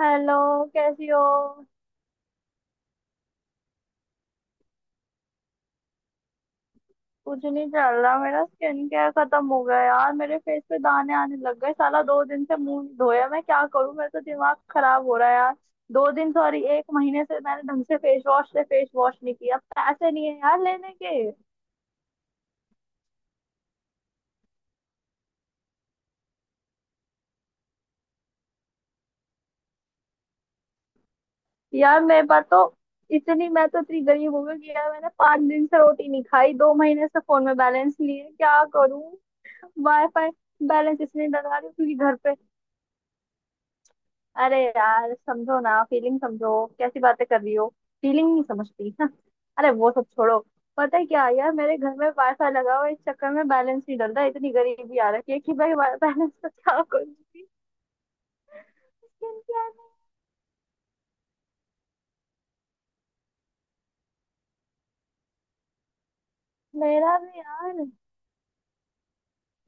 Hello. कैसी हो? कुछ नहीं चल रहा, मेरा स्किन केयर खत्म हो गया यार, मेरे फेस पे दाने आने लग गए, साला 2 दिन से मुंह नहीं धोया, मैं क्या करूं, मेरा तो दिमाग खराब हो रहा है यार। दो दिन, सॉरी, एक महीने से मैंने ढंग से फेस वॉश नहीं किया, पैसे नहीं है यार लेने के। यार मेरे पास तो, इतनी मैं तो इतनी गरीब हो गई कि यार मैंने 5 दिन से रोटी नहीं खाई, 2 महीने से फोन में बैलेंस लिए, क्या करूं। वाईफाई बैलेंस इसलिए लगा रही हूँ क्योंकि घर पे, अरे यार समझो ना, फीलिंग समझो, कैसी बातें कर रही हो, फीलिंग नहीं समझती हाँ। अरे वो सब छोड़ो। पता है क्या यार, मेरे घर में वाईफाई लगा हुआ है, इस चक्कर में बैलेंस नहीं डल रहा है, इतनी गरीबी आ रखी है कि भाई बैलेंस तो क्या करूंगी। मेरा भी यार,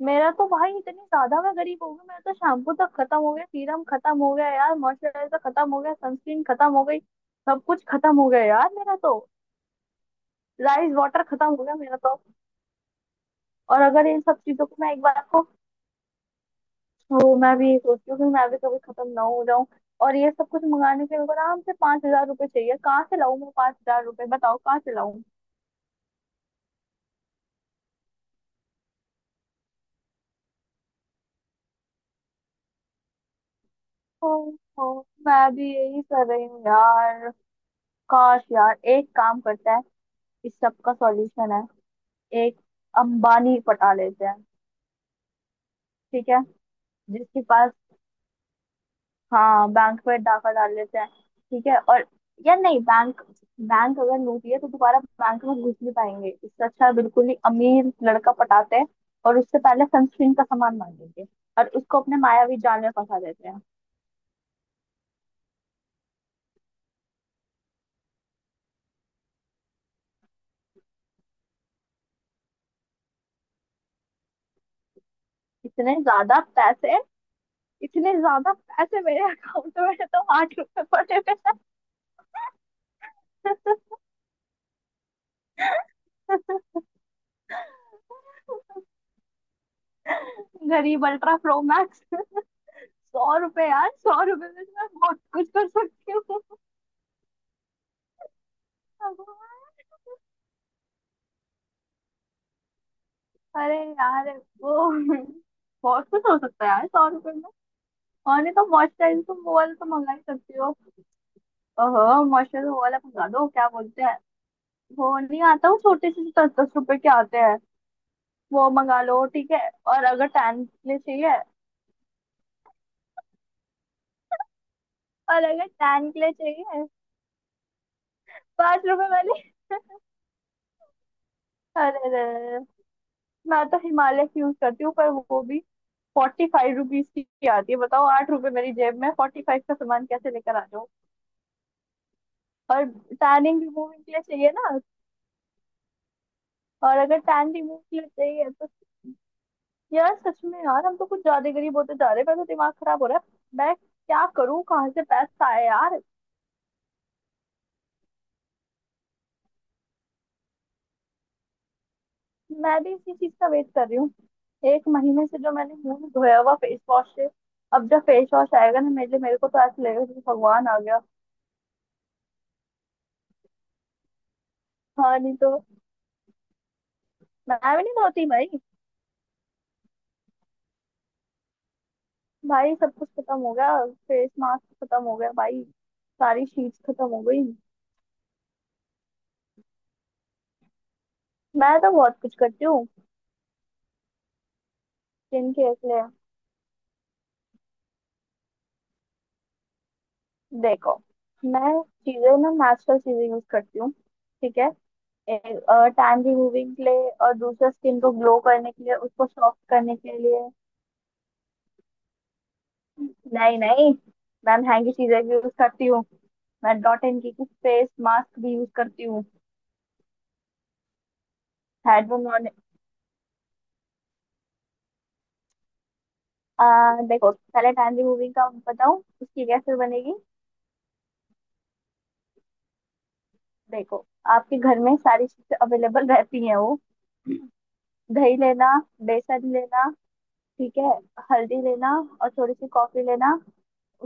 मेरा तो भाई इतनी ज्यादा मैं गरीब हो गई, मेरा तो शैम्पू तक खत्म हो गया, सीरम खत्म हो गया यार, मॉइस्चराइजर खत्म हो गया, सनस्क्रीन खत्म हो गई, सब कुछ खत्म हो गया यार मेरा तो। राइस वाटर खत्म हो गया मेरा तो। और अगर इन सब चीजों को मैं एक बार को, वो मैं भी ये सोचती हूँ कि मैं भी कभी खत्म ना हो जाऊं। और ये सब कुछ मंगाने के लिए मेरे को आराम से 5,000 रुपये चाहिए, कहाँ से लाऊं मैं 5,000 रुपये, बताओ कहाँ से लाऊं। ओ, ओ, मैं भी यही कर रही हूँ यार। काश, यार एक काम करते हैं, इस सब का सॉल्यूशन है। एक अंबानी पटा लेते हैं। ठीक है, जिसके पास, हाँ बैंक पे डाका डाल लेते हैं। ठीक है, और या नहीं, बैंक, बैंक अगर लूट लिया तो दोबारा बैंक में घुस नहीं पाएंगे, इससे अच्छा है बिल्कुल ही अमीर लड़का पटाते हैं। और उससे पहले सनस्क्रीन का सामान मांगेंगे, और उसको अपने मायावी जाल में फंसा देते हैं। इतने ज्यादा पैसे इतने ज्यादा पैसे मेरे अकाउंट में तो 8 रुपए पड़े हुए हैं। गरीब अल्ट्रा प्रो मैक्स। 100 रुपए यार, 100 रुपए में तो मैं बहुत कुछ कर सकती हूँ। अरे यार वो, बहुत कुछ हो सकता है यार सौ रुपए में। और नहीं तो मॉइस्चराइजर तुम वो वाला तो मंगा ही सकती हो। ओहो, मॉइस्चराइजर वो वाला मंगा दो, क्या बोलते हैं, वो नहीं आता, वो छोटे से 10-10 रुपए के आते हैं, वो मंगा लो, ठीक है। और अगर टैन के लिए चाहिए और अगर टैन के लिए चाहिए 5 रुपए वाली। अरे रे, मैं तो हिमालय की यूज करती हूँ, पर वो भी 45 रुपीज की आती है, बताओ 8 रुपए मेरी जेब में, 45 का सामान कैसे लेकर आ जाऊँ। और टैनिंग रिमूविंग के लिए चाहिए ना, और अगर टैन रिमूव के लिए चाहिए तो, यार सच में यार हम तो कुछ ज्यादा गरीब होते जा रहे हैं, मेरा तो दिमाग खराब हो रहा है, मैं क्या करूँ, कहाँ से पैसा आए यार। मैं भी इसी चीज का वेट कर रही हूँ। एक महीने से जो मैंने मुंह धोया हुआ फेस वॉश से, अब जब फेस वॉश आएगा ना मेरे लिए, मेरे को तो ऐसा लगेगा जैसे भगवान आ गया। हाँ नहीं तो, मैं भी नहीं धोती भाई। भाई सब कुछ खत्म हो गया, फेस मास्क खत्म हो गया भाई, सारी शीट्स खत्म हो गई। मैं तो बहुत कुछ करती हूँ। स्किन केयर के लिए देखो, मैं चीजें ना, नेचुरल चीजें यूज करती हूँ। ठीक है, एक टैन रिमूविंग के लिए और दूसरा स्किन को ग्लो करने के लिए, उसको सॉफ्ट करने के लिए। नहीं नहीं, मैं महंगी चीजें भी यूज करती हूँ, मैं dot and key face mask भी यूज करती हूँ। हैंड नॉन। देखो पहले टैन रिमूविंग का बताऊँ उसकी कैसे बनेगी। देखो, आपके घर में सारी चीजें अवेलेबल रहती हैं वो। दही लेना, बेसन लेना, ठीक है, हल्दी लेना, और थोड़ी सी कॉफी लेना,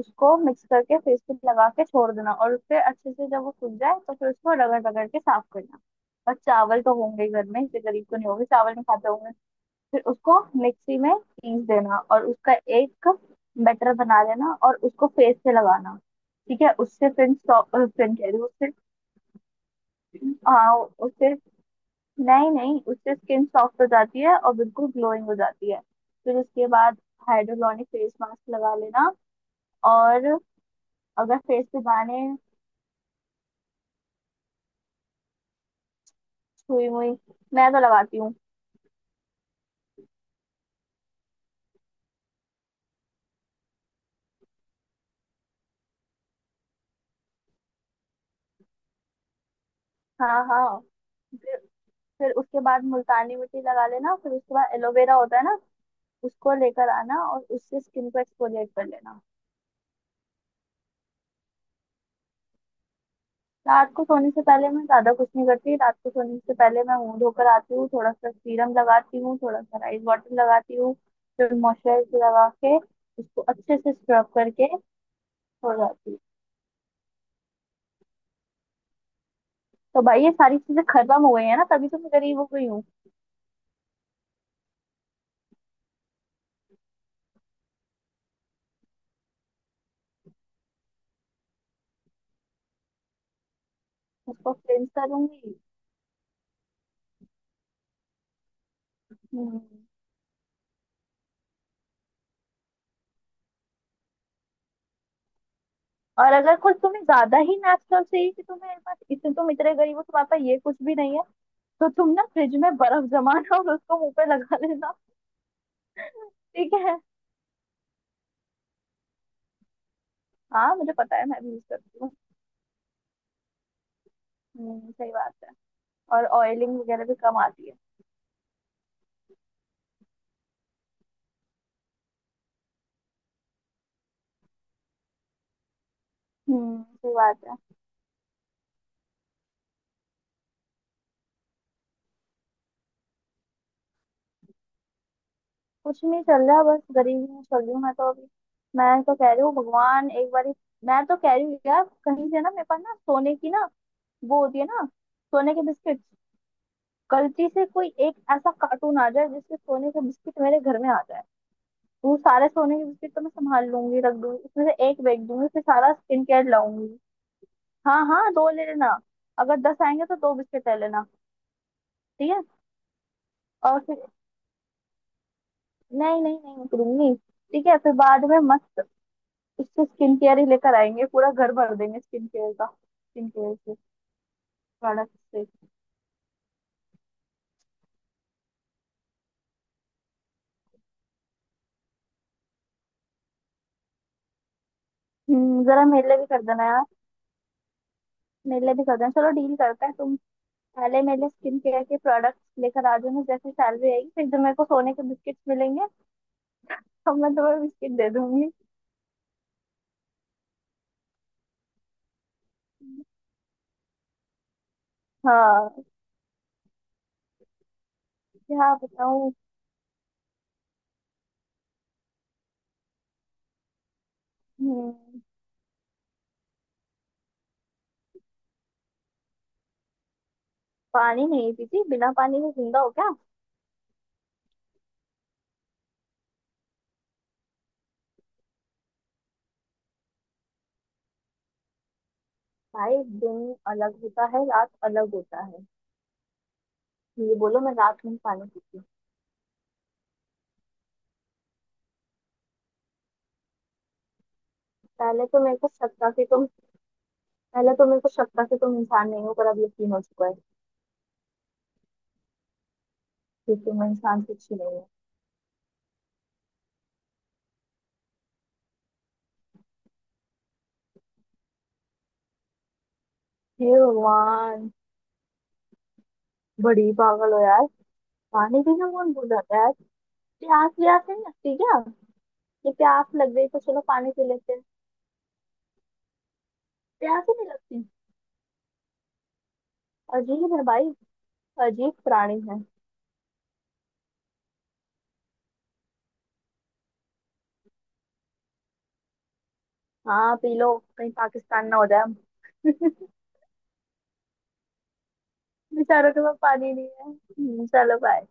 उसको मिक्स करके फेस पे लगा के छोड़ देना, और फिर अच्छे से जब वो सूख जाए तो फिर उसको रगड़ रगड़ के साफ करना। और चावल तो होंगे ही घर में, इतने गरीब तो नहीं होंगे चावल नहीं खाते होंगे। फिर उसको मिक्सी में पीस देना और उसका एक बैटर बना लेना और उसको फेस पे लगाना। ठीक है, उससे फिर कह रही हूँ उससे, हाँ उससे, नहीं नहीं उससे स्किन सॉफ्ट हो जाती है और बिल्कुल ग्लोइंग हो जाती है। फिर उसके बाद हाइड्रोलॉनिक फेस मास्क लगा लेना। और अगर फेस पे दाने, सुई मुई, मैं तो लगाती हूँ। हाँ हाँ, फिर फिर उसके बाद मुल्तानी मिट्टी लगा लेना, फिर उसके बाद एलोवेरा होता है ना, उसको लेकर आना और उससे स्किन को एक्सफोलिएट कर लेना। रात को सोने से पहले मैं ज्यादा कुछ नहीं करती, रात को सोने से पहले मैं मुंह धोकर आती हूँ, थोड़ा सा सीरम लगाती हूँ, थोड़ा सा राइस वाटर लगाती हूँ, फिर मॉइस्चराइजर लगा के, उसको अच्छे से स्क्रब करके हो जाती हूँ। तो भाई ये सारी चीजें खत्म हो गई है ना, तभी तो मैं गरीब हो गई हूँ। उसको क्लेंस करूंगी। हम्म। और अगर कुछ तुम्हें ज्यादा ही नेचुरल चाहिए, कि तुम्हें बस इससे, तुम इतने गरीब हो, तुम्हारे पास ये कुछ भी नहीं है, तो तुम ना फ्रिज में बर्फ जमाना, और उसको मुंह पे लगा लेना। ठीक है, हाँ मुझे पता है, मैं भी यूज करती हूँ। हम्म, सही बात है। और ऑयलिंग वगैरह भी कम आती है। हम्म, सही बात है। कुछ नहीं चल रहा, बस गरीबी में चल रही हूँ मैं तो अभी। मैं तो कह रही हूँ भगवान एक बार, मैं तो कह रही हूँ यार, कहीं से ना मेरे पास ना सोने की ना, वो होती है ना, सोने के बिस्किट, गलती से कोई एक ऐसा कार्टून आ जाए जिससे सोने के बिस्किट मेरे घर में आ जाए, तो वो सारे सोने के बिस्किट तो मैं संभाल लूंगी, रख दूंगी, उसमें से एक बेच दूंगी फिर सारा स्किन केयर लाऊंगी। हाँ हाँ, दो ले लेना, अगर 10 आएंगे तो दो बिस्किट ले लेना। ठीक है, और फिर, नहीं नहीं नहीं करूंगी, ठीक है, फिर बाद में मस्त उससे स्किन केयर ही लेकर आएंगे, पूरा घर भर देंगे स्किन केयर का, स्किन केयर से प्रोडक्ट से। हम्म, जरा मेरे लिए भी कर देना यार, मेरे लिए भी कर देना, चलो डील करते हैं तुम पहले मेरे स्किन केयर के प्रोडक्ट्स लेकर आ जाना जैसे सैलरी आएगी, फिर जब मेरे को सोने के बिस्किट्स मिलेंगे तो मैं तुम्हें बिस्किट दे दूंगी। हाँ, क्या बताऊँ। हम्म, पानी नहीं पीती? बिना पानी के जिंदा हो क्या? भाई दिन अलग होता है, रात अलग होता है, ये बोलो मैं रात में पानी पीती हूँ। पहले तो मेरे को शक था कि तुम, पहले तो मेरे को शक था कि तुम इंसान नहीं हो, पर अब यकीन हो चुका है कि तुम इंसान कुछ ही नहीं हो। हे भगवान, बड़ी पागल हो यार। पानी पीना कौन भूल जाता है यार। प्यास व्यास नहीं लगती क्या? ये प्यास लग गई तो चलो पानी पी लेते हैं। प्यास ही नहीं लगती? अजीब है भाई, अजीब प्राणी है। हाँ पी लो, कहीं पाकिस्तान ना हो जाए हम। बेचारों के पास पानी नहीं है। चलो बाय।